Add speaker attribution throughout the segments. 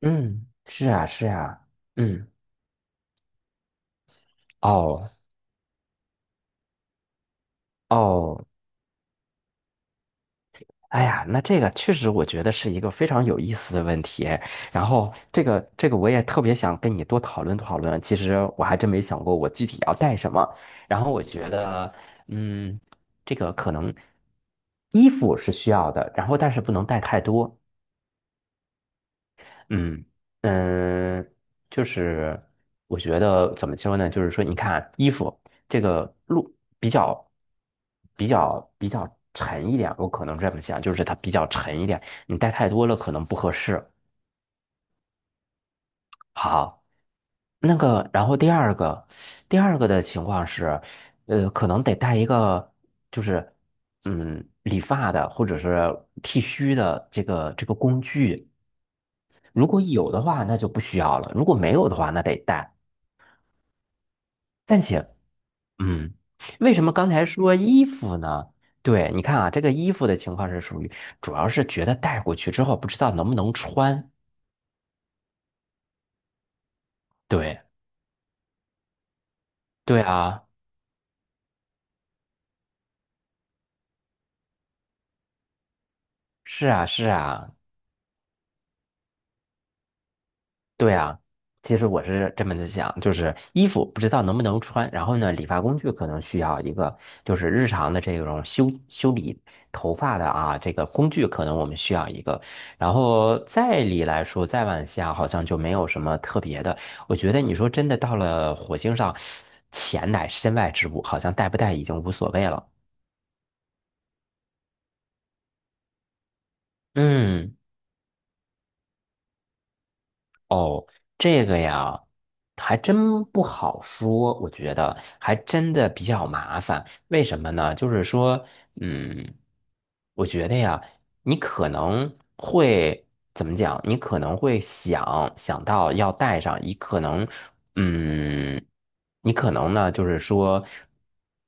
Speaker 1: 嗯，是啊，是啊，嗯，哦，哦，哎呀，那这个确实我觉得是一个非常有意思的问题。然后这个我也特别想跟你多讨论讨论。其实我还真没想过我具体要带什么。然后我觉得，嗯，这个可能衣服是需要的，然后但是不能带太多。嗯嗯，就是我觉得怎么说呢？就是说，你看衣服这个路比较比较沉一点，我可能这么想，就是它比较沉一点，你带太多了可能不合适。好，那个，然后第二个，第二个的情况是，可能得带一个，就是嗯，理发的或者是剃须的这个工具。如果有的话，那就不需要了；如果没有的话，那得带。但且，嗯，为什么刚才说衣服呢？对，你看啊，这个衣服的情况是属于，主要是觉得带过去之后不知道能不能穿。对，对啊，是啊，是啊，对啊，其实我是这么的想，就是衣服不知道能不能穿，然后呢，理发工具可能需要一个，就是日常的这种修理头发的啊，这个工具可能我们需要一个，然后再理来说，再往下好像就没有什么特别的。我觉得你说真的到了火星上，钱乃身外之物，好像带不带已经无所谓了。嗯。哦，这个呀，还真不好说，我觉得还真的比较麻烦。为什么呢？就是说，嗯，我觉得呀，你可能会怎么讲？你可能会想到要带上，你可能嗯，你可能呢，就是说，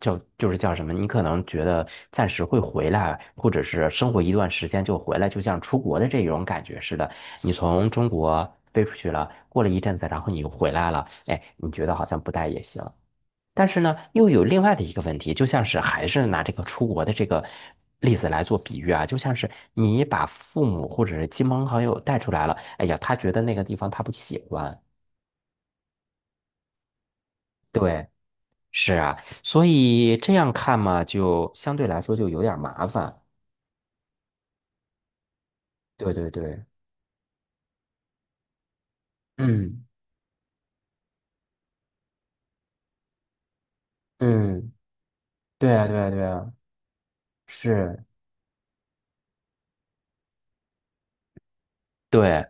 Speaker 1: 叫就是叫什么？你可能觉得暂时会回来，或者是生活一段时间就回来，就像出国的这种感觉似的。你从中国飞出去了，过了一阵子，然后你又回来了，哎，你觉得好像不带也行。但是呢，又有另外的一个问题，就像是还是拿这个出国的这个例子来做比喻啊，就像是你把父母或者是亲朋好友带出来了，哎呀，他觉得那个地方他不喜欢。对，是啊，所以这样看嘛，就相对来说就有点儿麻烦。对对对，嗯嗯，对啊对啊对啊，是，对，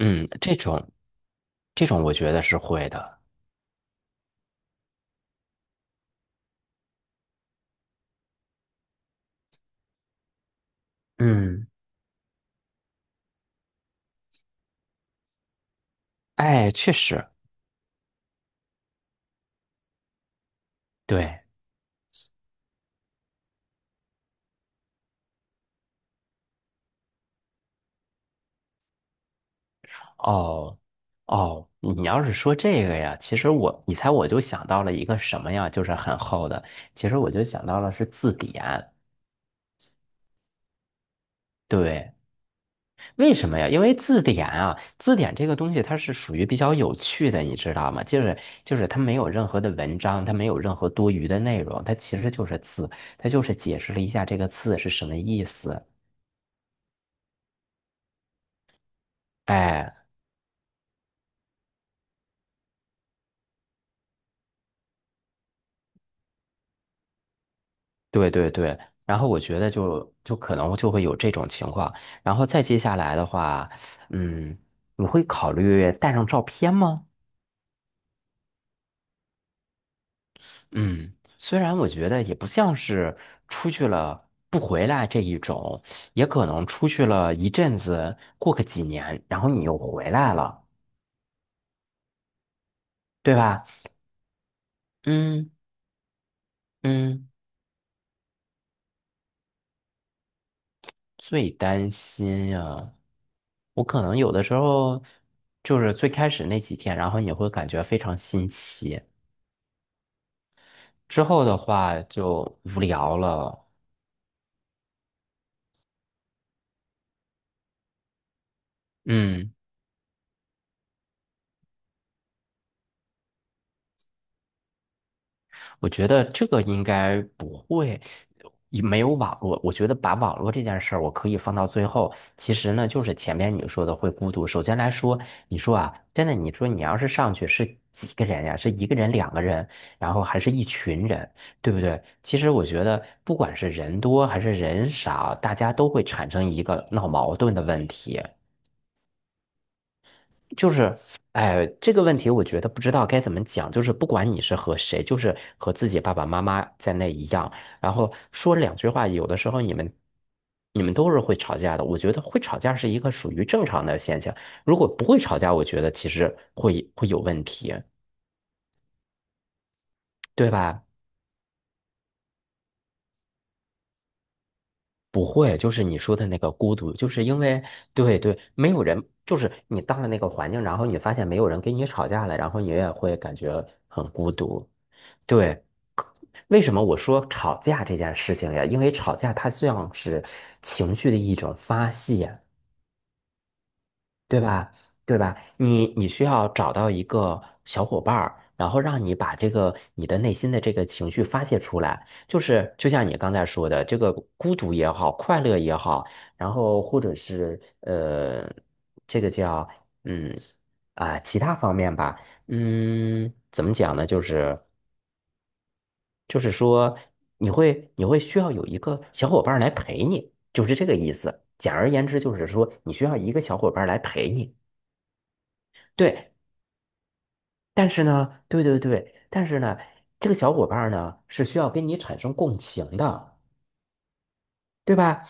Speaker 1: 嗯，这种我觉得是会的。嗯，哎，确实，对，哦哦，你要是说这个呀，其实我，你猜我就想到了一个什么呀，就是很厚的，其实我就想到了是字典。对，为什么呀？因为字典啊，字典这个东西它是属于比较有趣的，你知道吗？就是它没有任何的文章，它没有任何多余的内容，它其实就是字，它就是解释了一下这个字是什么意思。哎，对对对。然后我觉得就可能就会有这种情况。然后再接下来的话，嗯，你会考虑带上照片吗？嗯，虽然我觉得也不像是出去了不回来这一种，也可能出去了一阵子，过个几年，然后你又回来了，对吧？嗯嗯，最担心呀，我可能有的时候就是最开始那几天，然后你会感觉非常新奇，之后的话就无聊了。嗯。我觉得这个应该不会，也没有网络。我觉得把网络这件事儿，我可以放到最后。其实呢，就是前面你说的会孤独。首先来说，你说啊，真的，你说你要是上去是几个人呀？是一个人、两个人，然后还是一群人，对不对？其实我觉得，不管是人多还是人少，大家都会产生一个闹矛盾的问题。就是，哎，这个问题我觉得不知道该怎么讲。就是不管你是和谁，就是和自己爸爸妈妈在那一样，然后说两句话，有的时候你们都是会吵架的。我觉得会吵架是一个属于正常的现象。如果不会吵架，我觉得其实会有问题，对吧？不会，就是你说的那个孤独，就是因为对对，没有人，就是你到了那个环境，然后你发现没有人跟你吵架了，然后你也会感觉很孤独。对，为什么我说吵架这件事情呀？因为吵架它像是情绪的一种发泄，对吧？对吧？你需要找到一个小伙伴儿，然后让你把这个你的内心的这个情绪发泄出来。就是就像你刚才说的，这个孤独也好，快乐也好，然后或者是呃，这个叫嗯啊、其他方面吧。嗯，怎么讲呢？就是。就是说你会需要有一个小伙伴儿来陪你，就是这个意思。简而言之，就是说你需要一个小伙伴儿来陪你。对，但是呢，对对对，但是呢，这个小伙伴儿呢是需要跟你产生共情的，对吧？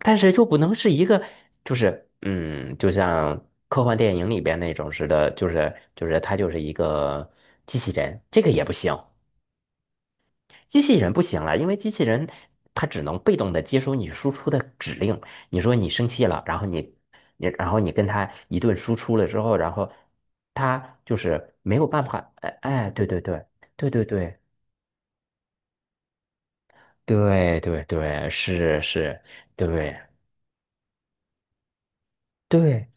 Speaker 1: 但是就不能是一个，就是嗯，就像科幻电影里边那种似的，就是他就是一个机器人，这个也不行。机器人不行了，因为机器人它只能被动的接收你输出的指令。你说你生气了，然后你然后你跟它一顿输出了之后，然后它就是没有办法，哎哎，对对对对对对对对对，是是，对对。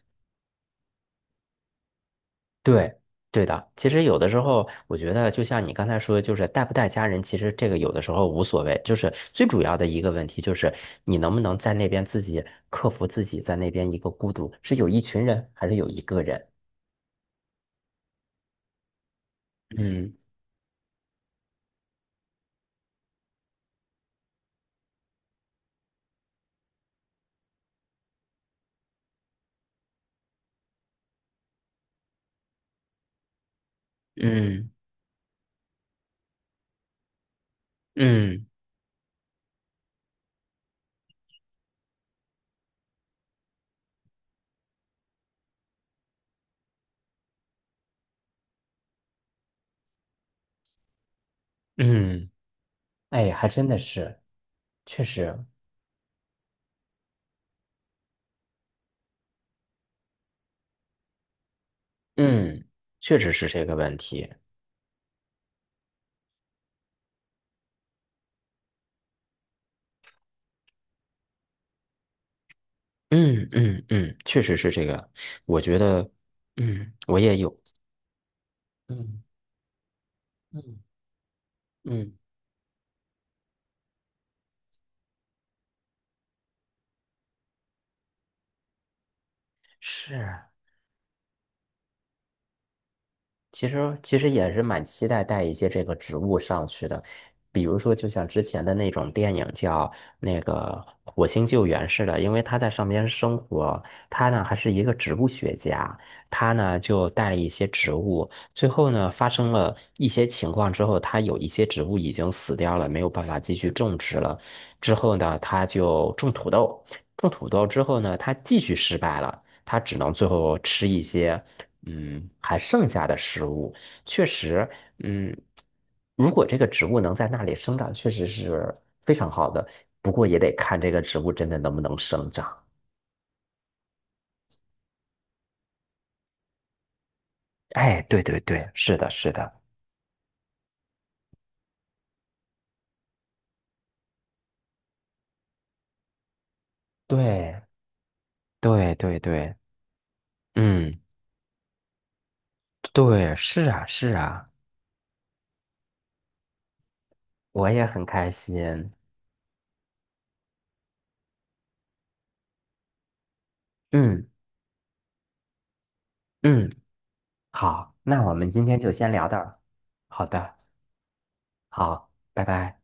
Speaker 1: 对，对的。其实有的时候，我觉得就像你刚才说的，就是带不带家人，其实这个有的时候无所谓。就是最主要的一个问题，就是你能不能在那边自己克服自己在那边一个孤独，是有一群人还是有一个人？嗯嗯嗯嗯，哎，还真的是，确实，嗯，确实是这个问题。嗯嗯嗯，确实是这个。我觉得，嗯，我也有，嗯嗯嗯，是。其实也是蛮期待带一些这个植物上去的，比如说就像之前的那种电影叫那个《火星救援》似的，因为他在上边生活，他呢还是一个植物学家，他呢就带了一些植物，最后呢发生了一些情况之后，他有一些植物已经死掉了，没有办法继续种植了，之后呢他就种土豆，种土豆之后呢他继续失败了。他只能最后吃一些，嗯，还剩下的食物。确实，嗯，如果这个植物能在那里生长，确实是非常好的。不过也得看这个植物真的能不能生长。哎，对对对，是的，是的，对，对对对，嗯，对，是啊，是啊，我也很开心。嗯嗯，好，那我们今天就先聊到这儿。好的。好，拜拜。